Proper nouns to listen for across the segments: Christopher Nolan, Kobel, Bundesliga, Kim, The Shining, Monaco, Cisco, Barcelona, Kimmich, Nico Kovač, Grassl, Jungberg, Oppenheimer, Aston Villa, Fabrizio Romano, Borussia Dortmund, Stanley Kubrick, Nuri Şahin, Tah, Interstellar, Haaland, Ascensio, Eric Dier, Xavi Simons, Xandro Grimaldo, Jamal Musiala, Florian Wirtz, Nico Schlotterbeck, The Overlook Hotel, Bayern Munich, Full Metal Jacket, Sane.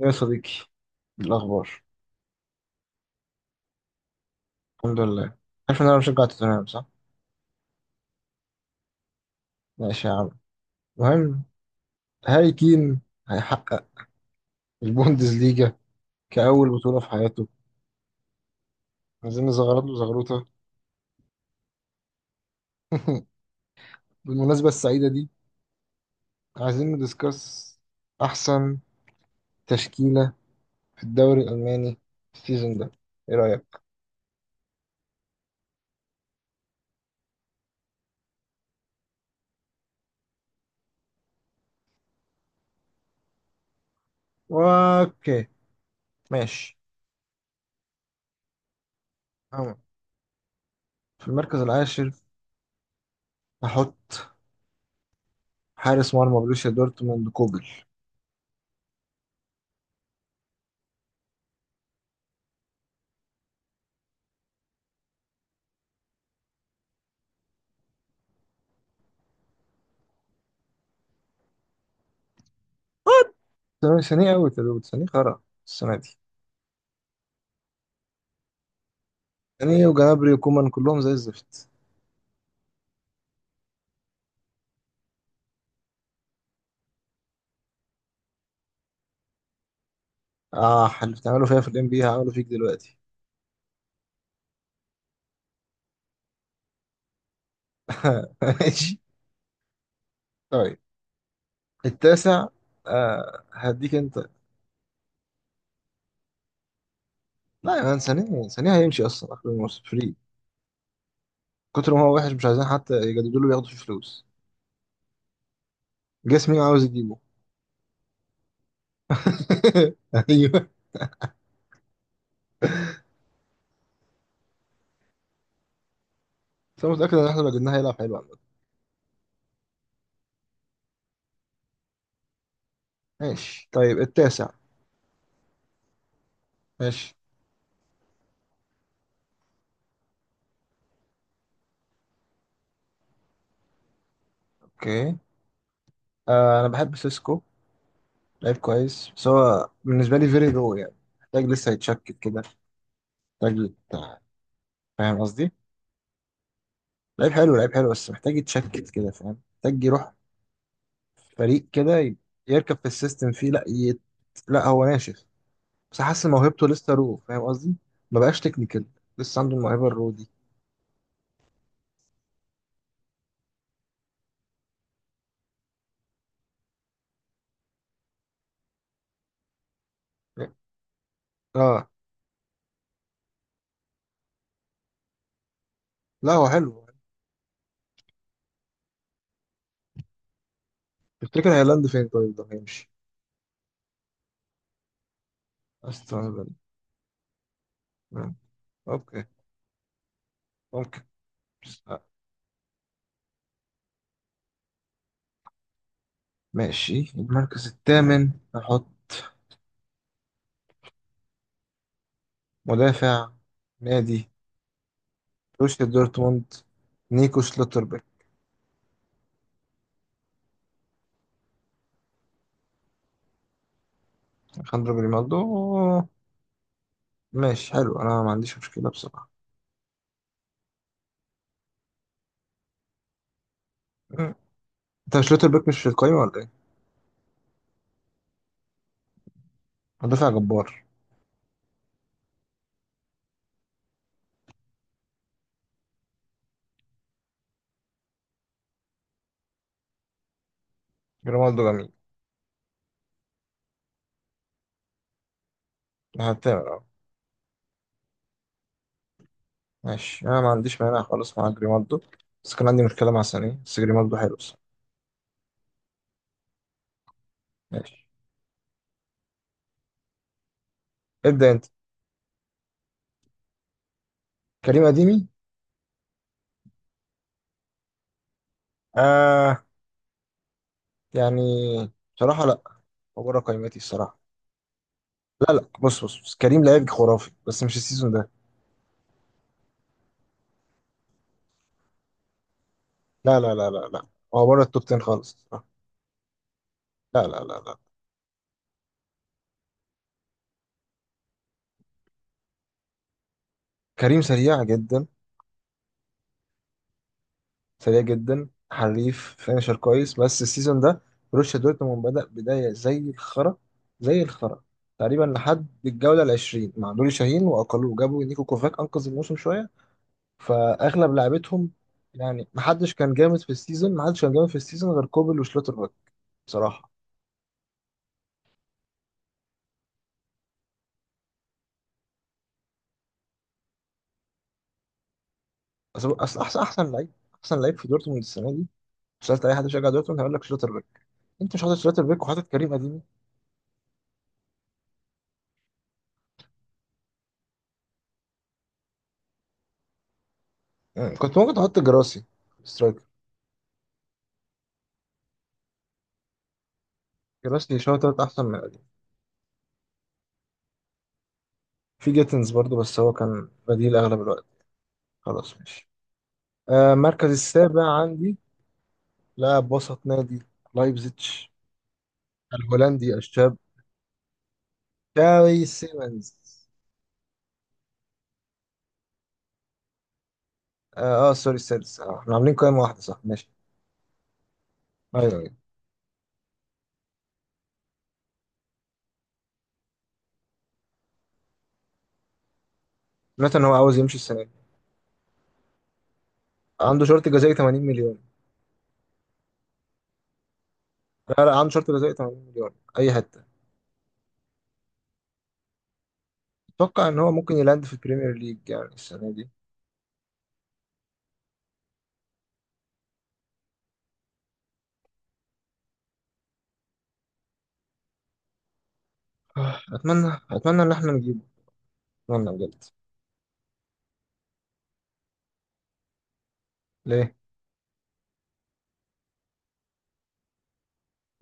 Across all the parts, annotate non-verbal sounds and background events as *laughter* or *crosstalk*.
يا صديقي، الأخبار. الحمد لله. عارف إن أنا بشجع توتنهام صح؟ ماشي يا عم. المهم، هاري كين هيحقق البوندسليجا كأول بطولة في حياته. عايزين نزغرط له زغروطة. *laughs* بالمناسبة السعيدة دي، عايزين ندسكس أحسن تشكيلة في الدوري الألماني السيزون ده. إيه رأيك؟ أوكي، ماشي. أهو. في المركز العاشر هحط حارس مرمى بروسيا دورتموند كوبل. ثانية أوي، تلوت ثانية خرا السنة دي يعني، وجنابري وكومان كلهم زي الزفت. اه، اللي بتعملوا فيها في الام بي هعمله فيك دلوقتي. *laughs* ماشي، طيب التاسع. هديك انت. لا يا مان، ثانية ثانية هيمشي اصلا اخر الموسم فري. كتر ما هو وحش، مش عايزين حتى يجددوا له ياخدوا فيه فلوس. جاس مين عاوز يجيبه؟ *laughs* ايوه، بس انا متاكد ان احنا لو جبناه هيلعب حلو عامة. ماشي طيب التاسع. ماشي، اوكي. انا بحب سيسكو. لعيب كويس، بس هو بالنسبه لي فيري رو يعني، محتاج لسه يتشكل كده. محتاج فاهم قصدي؟ لعيب حلو، لعيب حلو، بس محتاج يتشكل كده، فاهم؟ محتاج يروح فريق كده يركب في السيستم فيه، لا، هو ناشف، بس حاسس إن موهبته لسه رو، فاهم قصدي؟ ما بقاش تكنيكال، لسه عنده الموهبه الرو دي. اه. لا، هو حلو. تفتكر هيلاند فين طيب؟ ده هيمشي استون فيلا. مم. اوكي، ممكن. بس- آه. ماشي، المركز الثامن نحط مدافع نادي بروسيا دورتموند، نيكو شلوتربيك. خاندرو جريمالدو؟ ماشي حلو، انا ما عنديش مشكله بصراحه. مم. انت مش لوتر بيك مش في القايمه ولا ايه؟ مدافع جبار. جريمالدو جميل. هتعمل اه. ماشي، انا ما عنديش مانع خالص مع جريمالدو، بس كان عندي مشكله مع سانيه، بس جريمالدو حلو بصراحه. ماشي. ابدا انت. كريم اديمي؟ آه يعني، بصراحه لا، هو بره قايمتي الصراحه. لا لا، بص بص، بص. كريم لعيب خرافي، بس مش السيزون ده. لا لا لا لا لا، هو بره التوب 10 خالص الصراحة. لا لا لا لا. كريم سريع جدا. سريع جدا، حريف، فينشر كويس، بس السيزون ده بروسيا دورتموند بدأ بداية زي الخرا، زي الخرا تقريبا لحد الجولة العشرين مع نوري شاهين، وأقلوه جابوا نيكو كوفاك أنقذ الموسم شوية. فأغلب لعيبتهم يعني، محدش كان جامد في السيزون، محدش كان جامد في السيزون غير كوبل وشلوتر باك بصراحة. بس أصل أحسن لعيب أحسن لعيب في دورتموند السنة دي، سألت أي حد بيشجع دورتموند هيقول لك شلوتر باك. أنت مش حاطط شلوتر باك وحاطط كريم أديمي! يعني كنت ممكن تحط جراسي، سترايكر. جراسي شوية تلات أحسن من أديمي. في جيتنز برضو، بس هو كان بديل اغلب الوقت. خلاص، ماشي. آه، المركز السابع عندي لاعب وسط نادي لايبزيتش، الهولندي الشاب تشافي سيمنز. اه، آه سوري، السادس. آه، احنا عاملين قائمة واحدة صح؟ ماشي. ايوه ايوه. سمعت ان هو عاوز يمشي السنة دي، عنده شرط جزائي 80 مليون. لا لا، عنده شرط جزائي 80 مليون، اي حتة. اتوقع ان هو ممكن يلاند في البريمير ليج يعني السنة دي. آه، اتمنى، اتمنى ان احنا نجيبه. اتمنى بجد. ليه؟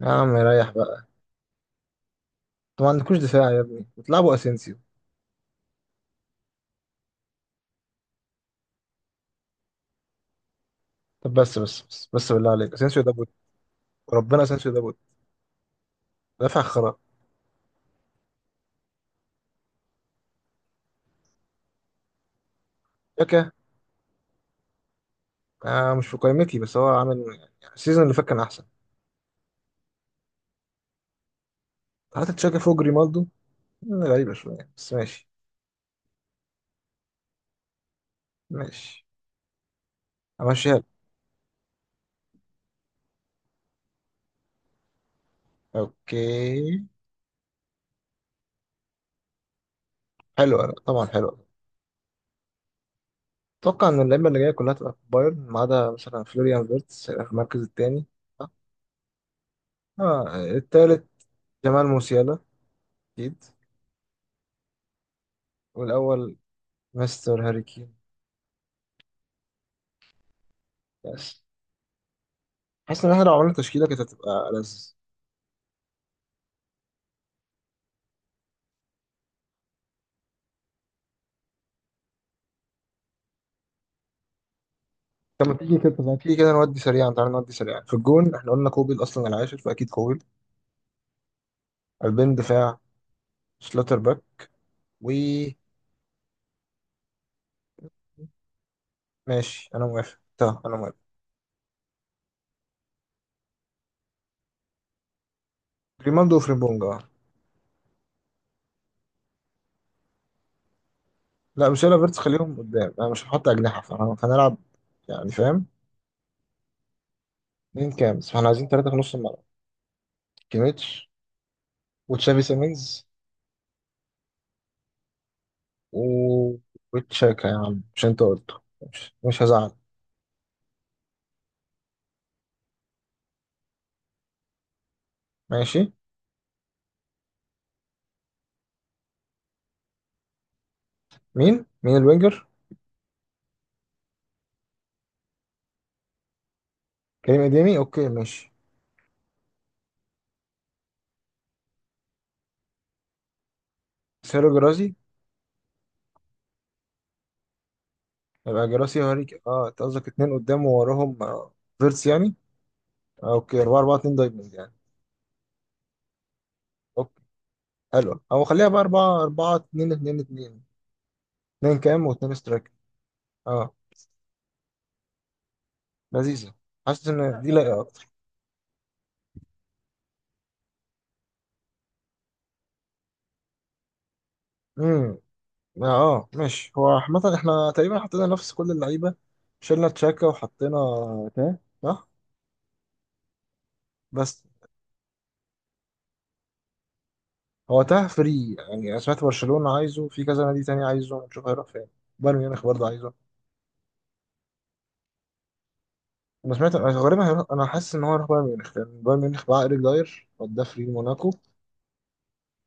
يا عم ريح بقى، انتوا ما عندكوش دفاع يا ابني، بتلعبوا اسينسيو. طب بس بالله عليك، اسينسيو ده بود. ربنا، اسينسيو ده بود. دافع خرا. تشاكا؟ مش في قائمتي، بس هو عامل يعني، السيزون اللي فات كان احسن. حتى تشاكا فوق ريمالدو؟ غريبة شوية، بس ماشي. ماشي، همشيها لك. اوكي. حلوة؟ لا، طبعا حلوة. اتوقع ان اللعيبة اللي جاية كلها تبقى في بايرن، ما عدا مثلا فلوريان فيرتس هيبقى في المركز التاني. اه. آه، التالت جمال موسيالا، اكيد. والاول، مستر هاري كين. بس حاسس ان احنا لو عملنا تشكيلة كانت هتبقى ألذ. طب ما تيجي كده، ما تيجي كده نودي سريعا، تعالى نودي سريعا. في الجون احنا قلنا كوبيل اصلا العاشر، فاكيد كوبيل. قلبين دفاع، شلاتر باك وماشي. انا موافق، طب انا موافق. ريمالدو وفريمبونجا. لا مش هيلا فيرتس، خليهم قدام، انا مش هحط اجنحه، فانا فهنلعب يعني، فاهم؟ مين كام بس احنا عايزين ثلاثه في نص الملعب كيميتش وتشافي سيمنز و وتشاكا يا عم مش انت قلته مش, مش هزعل ماشي مين الوينجر؟ كريم اديمي. اوكي، ماشي. سيرو جرازي. يبقى جراسي وهاريك. اه، انت قصدك اتنين قدام ووراهم آه، فيرتس يعني. آه، اوكي، 4 4 2 دايموند يعني. اوكي، حلوه. او خليها بقى 4 4 2 2 2. 2 كام و2 سترايك. اه، لذيذه. حاسس ان دي لايقه اكتر. امم اه، آه، ماشي. هو عامه احنا تقريبا حطينا نفس كل اللعيبه، شلنا تشاكا وحطينا تاه صح. بس هو تاه فري يعني، أنا سمعت برشلونه عايزه، في كذا نادي تاني عايزه، نشوف هيروح فين. بايرن ميونخ برضه عايزه. انا سمعت، غالبا هيروح. انا حاسس ان هو هيروح بايرن ميونخ، لان بايرن ميونخ باع ايريك داير وداه فري موناكو،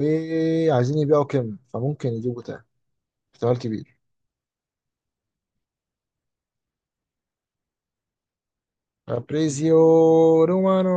وعايزين يبيعوا كيم، فممكن يجيبوا تاني. احتمال كبير. فابريزيو رومانو.